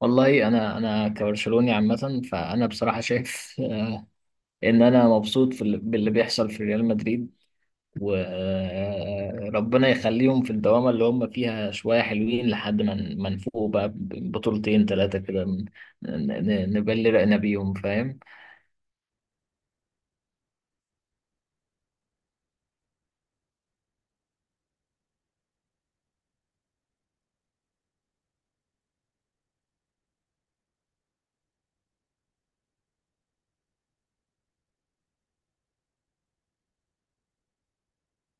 والله انا كبرشلوني عامه، فانا بصراحه شايف ان انا مبسوط باللي بيحصل في ريال مدريد. وربنا يخليهم في الدوامه اللي هم فيها شويه، حلوين لحد ما ما نفوق بقى بطولتين ثلاثه كده، نبلي رقنا بيهم، فاهم؟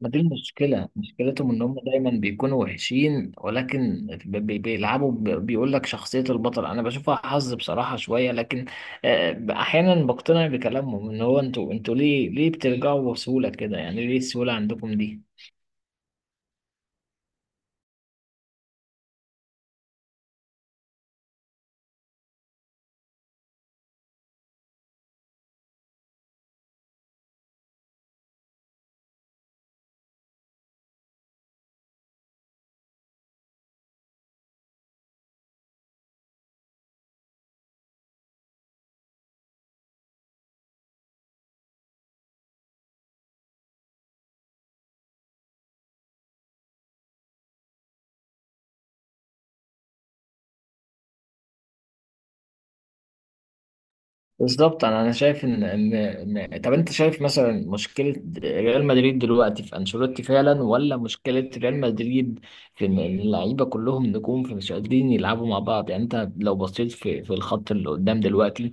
ما دي المشكلة، مشكلتهم إن هم دايما بيكونوا وحشين، ولكن بيلعبوا، بيقول لك شخصية البطل، أنا بشوفها حظ بصراحة شوية. لكن أحيانا بقتنع بكلامهم، إن هو أنتوا ليه بترجعوا بسهولة كده؟ يعني ليه السهولة عندكم دي؟ بالظبط أنا شايف إن طب أنت شايف مثلا مشكلة ريال مدريد دلوقتي في أنشيلوتي فعلا، ولا مشكلة ريال مدريد في إن اللعيبة كلهم نجوم فمش قادرين يلعبوا مع بعض؟ يعني أنت لو بصيت في الخط اللي قدام دلوقتي،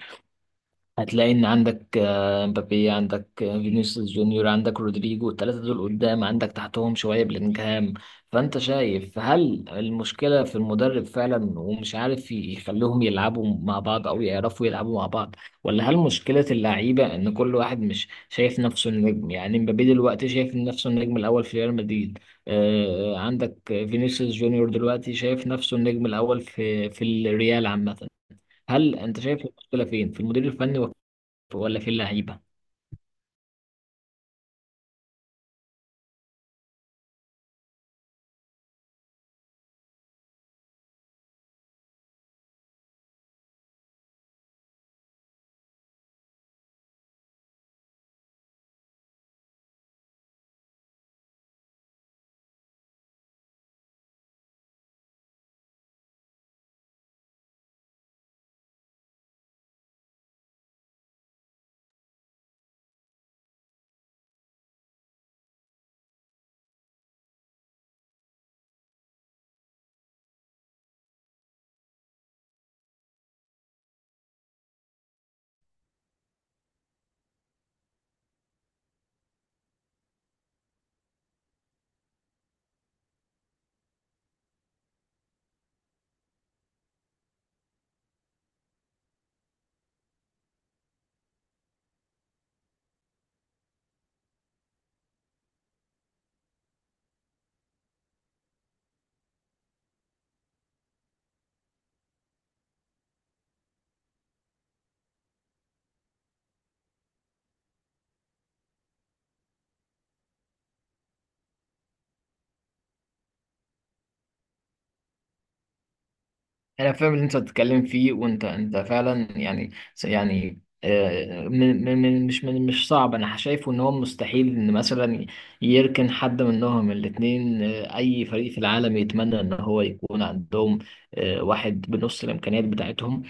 هتلاقي ان عندك مبابي، عندك فينيسيوس جونيور، عندك رودريجو. الثلاثه دول قدام، عندك تحتهم شويه بلينجهام. فانت شايف، هل المشكله في المدرب فعلا ومش عارف يخليهم يلعبوا مع بعض او يعرفوا يلعبوا مع بعض، ولا هل مشكله اللعيبه ان كل واحد مش شايف نفسه النجم؟ يعني مبابي دلوقتي شايف نفسه النجم الاول في ريال مدريد، عندك فينيسيوس جونيور دلوقتي شايف نفسه النجم الاول في الريال عامه. هل انت شايف المشكله فين، في المدير الفني ولا في اللعيبه؟ انا فاهم اللي انت بتتكلم فيه، وانت فعلا يعني من من من- مش من مش صعب. انا شايفه ان هو مستحيل ان مثلا يركن حد منهم. الاثنين اي فريق في العالم يتمنى ان هو يكون عندهم واحد بنص الامكانيات بتاعتهم.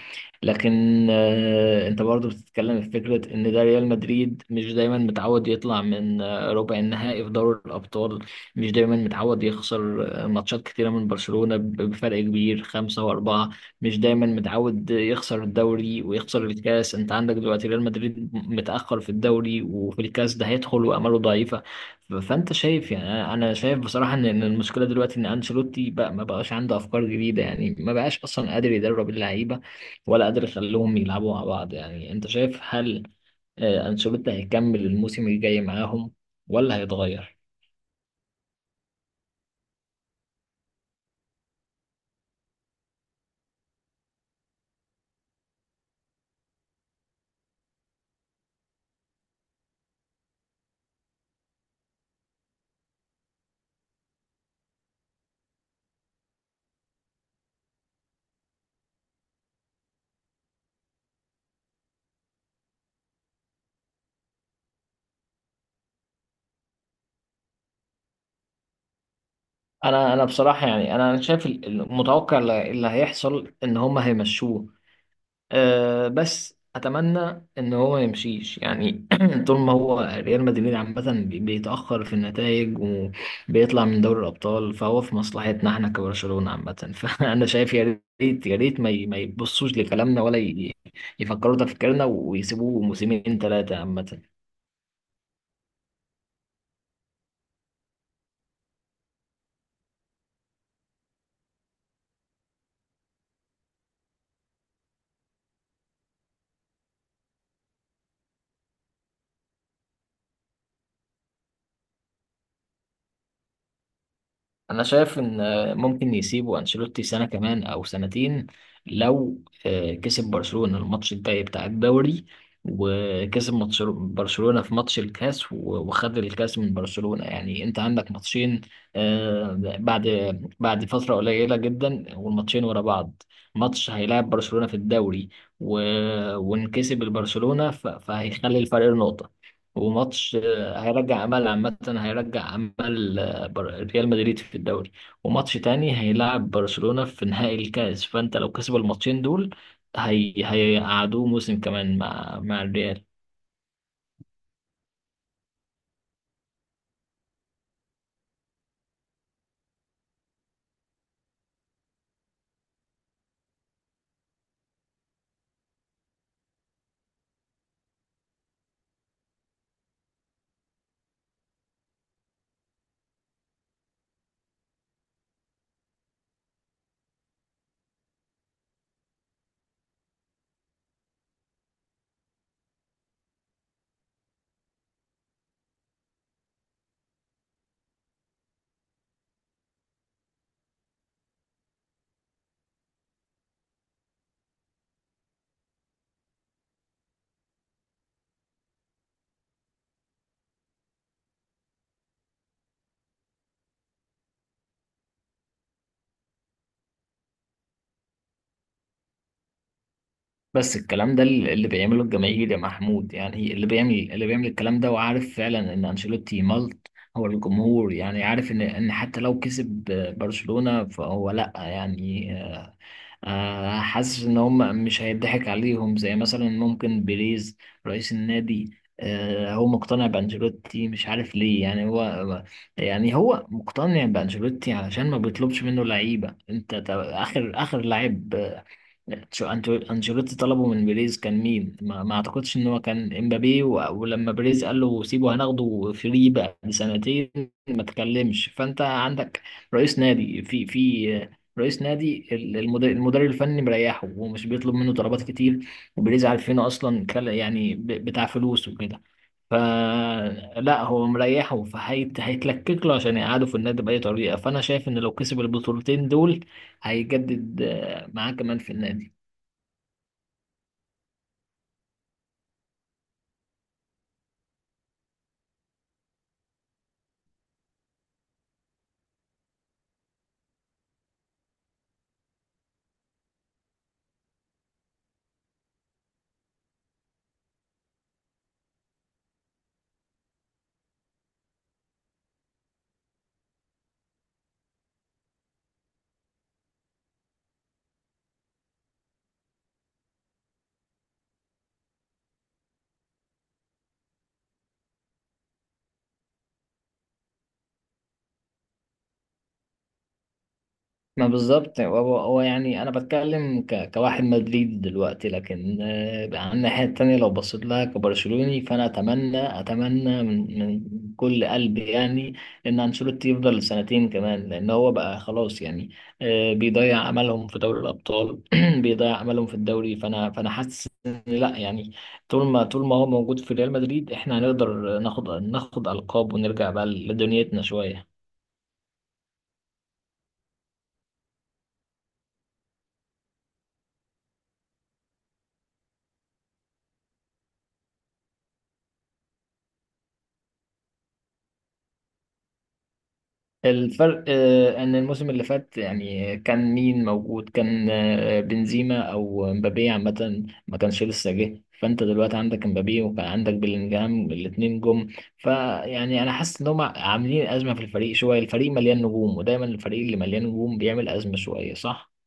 لكن انت برضو بتتكلم في فكرة ان ده ريال مدريد مش دايما متعود يطلع من ربع النهائي في دوري الابطال، مش دايما متعود يخسر ماتشات كتيرة من برشلونة بفرق كبير، خمسة وأربعة. مش دايما متعود يخسر الدوري ويخسر الكاس. أنت عندك دلوقتي ريال مدريد متأخر في الدوري وفي الكاس، ده هيدخل وآماله ضعيفة. فأنت شايف، يعني أنا شايف بصراحة إن المشكلة دلوقتي إن أنشيلوتي بقى ما بقاش عنده أفكار جديدة، يعني ما بقاش أصلا قادر يدرب اللعيبة ولا قادر يخليهم يلعبوا مع بعض. يعني أنت شايف، هل أنشيلوتي هيكمل الموسم الجاي معاهم ولا هيتغير؟ انا بصراحه يعني انا شايف المتوقع اللي هيحصل، ان هم هيمشوه. أه، بس اتمنى ان هو ما يمشيش يعني. طول ما هو ريال مدريد عامه بيتاخر في النتائج وبيطلع من دوري الابطال، فهو في مصلحتنا احنا كبرشلونه عامه. فانا شايف يا ريت يا ريت ما يبصوش لكلامنا، ولا يفكروا تفكيرنا ويسيبوه موسمين ثلاثه عامه. انا شايف ان ممكن يسيبوا انشيلوتي سنه كمان او سنتين، لو كسب برشلونه الماتش الجاي بتاع الدوري، وكسب ماتش برشلونه في ماتش الكاس وخد الكاس من برشلونه. يعني انت عندك ماتشين آه، بعد بعد فتره قليله جدا، والماتشين ورا بعض. ماتش هيلاعب برشلونه في الدوري وانكسب البرشلونه فهيخلي الفرق نقطه، وماتش هيرجع امل عامه، هيرجع امل بر- ريال مدريد في الدوري. وماتش تاني هيلعب برشلونة في نهائي الكاس. فانت لو كسب الماتشين دول، هي هيقعدوه موسم كمان مع الريال. بس الكلام ده اللي بيعمله الجماهير يا محمود، يعني اللي بيعمل الكلام ده وعارف فعلا ان انشيلوتي ملط. هو الجمهور يعني عارف ان حتى لو كسب برشلونة، فهو لا يعني حاسس ان هم مش هيضحك عليهم زي مثلا ممكن بيريز رئيس النادي. هو مقتنع بانشيلوتي مش عارف ليه، يعني هو مقتنع بانشيلوتي علشان ما بيطلبش منه لعيبه. انت اخر لعيب انشيلوتي طلبه من بيريز كان مين؟ ما اعتقدش ان هو كان امبابي، ولما بيريز قال له سيبه هناخده فري بقى بسنتين، ما تكلمش. فانت عندك رئيس نادي في في رئيس نادي المدير الفني مريحه ومش بيطلب منه طلبات كتير. وبيريز عارفينه اصلا، يعني بتاع فلوس وكده. فلا هو مريحه، فهيت هيتلكك له عشان يقعده في النادي بأي طريقة. فأنا شايف إن لو كسب البطولتين دول، هيجدد معاه كمان في النادي. ما بالظبط هو يعني، انا بتكلم كواحد مدريد دلوقتي، لكن على الناحيه التانيه لو بصيت لها كبرشلوني، فانا اتمنى من كل قلبي يعني ان انشيلوتي يفضل سنتين كمان، لان هو بقى خلاص يعني بيضيع املهم في دوري الابطال. بيضيع املهم في الدوري، فانا حاسس ان لا يعني، طول ما هو موجود في ريال مدريد، احنا هنقدر ناخد القاب ونرجع بقى لدنيتنا شويه. الفرق ان الموسم اللي فات، يعني كان مين موجود، كان بنزيما او مبابي عامه ما كانش لسه جه. فانت دلوقتي عندك مبابي وكان عندك بيلينجهام، الاتنين جم. فيعني انا حاسس ان هم عاملين ازمه في الفريق شويه، الفريق مليان نجوم، ودايما الفريق اللي مليان نجوم بيعمل ازمه شويه، صح؟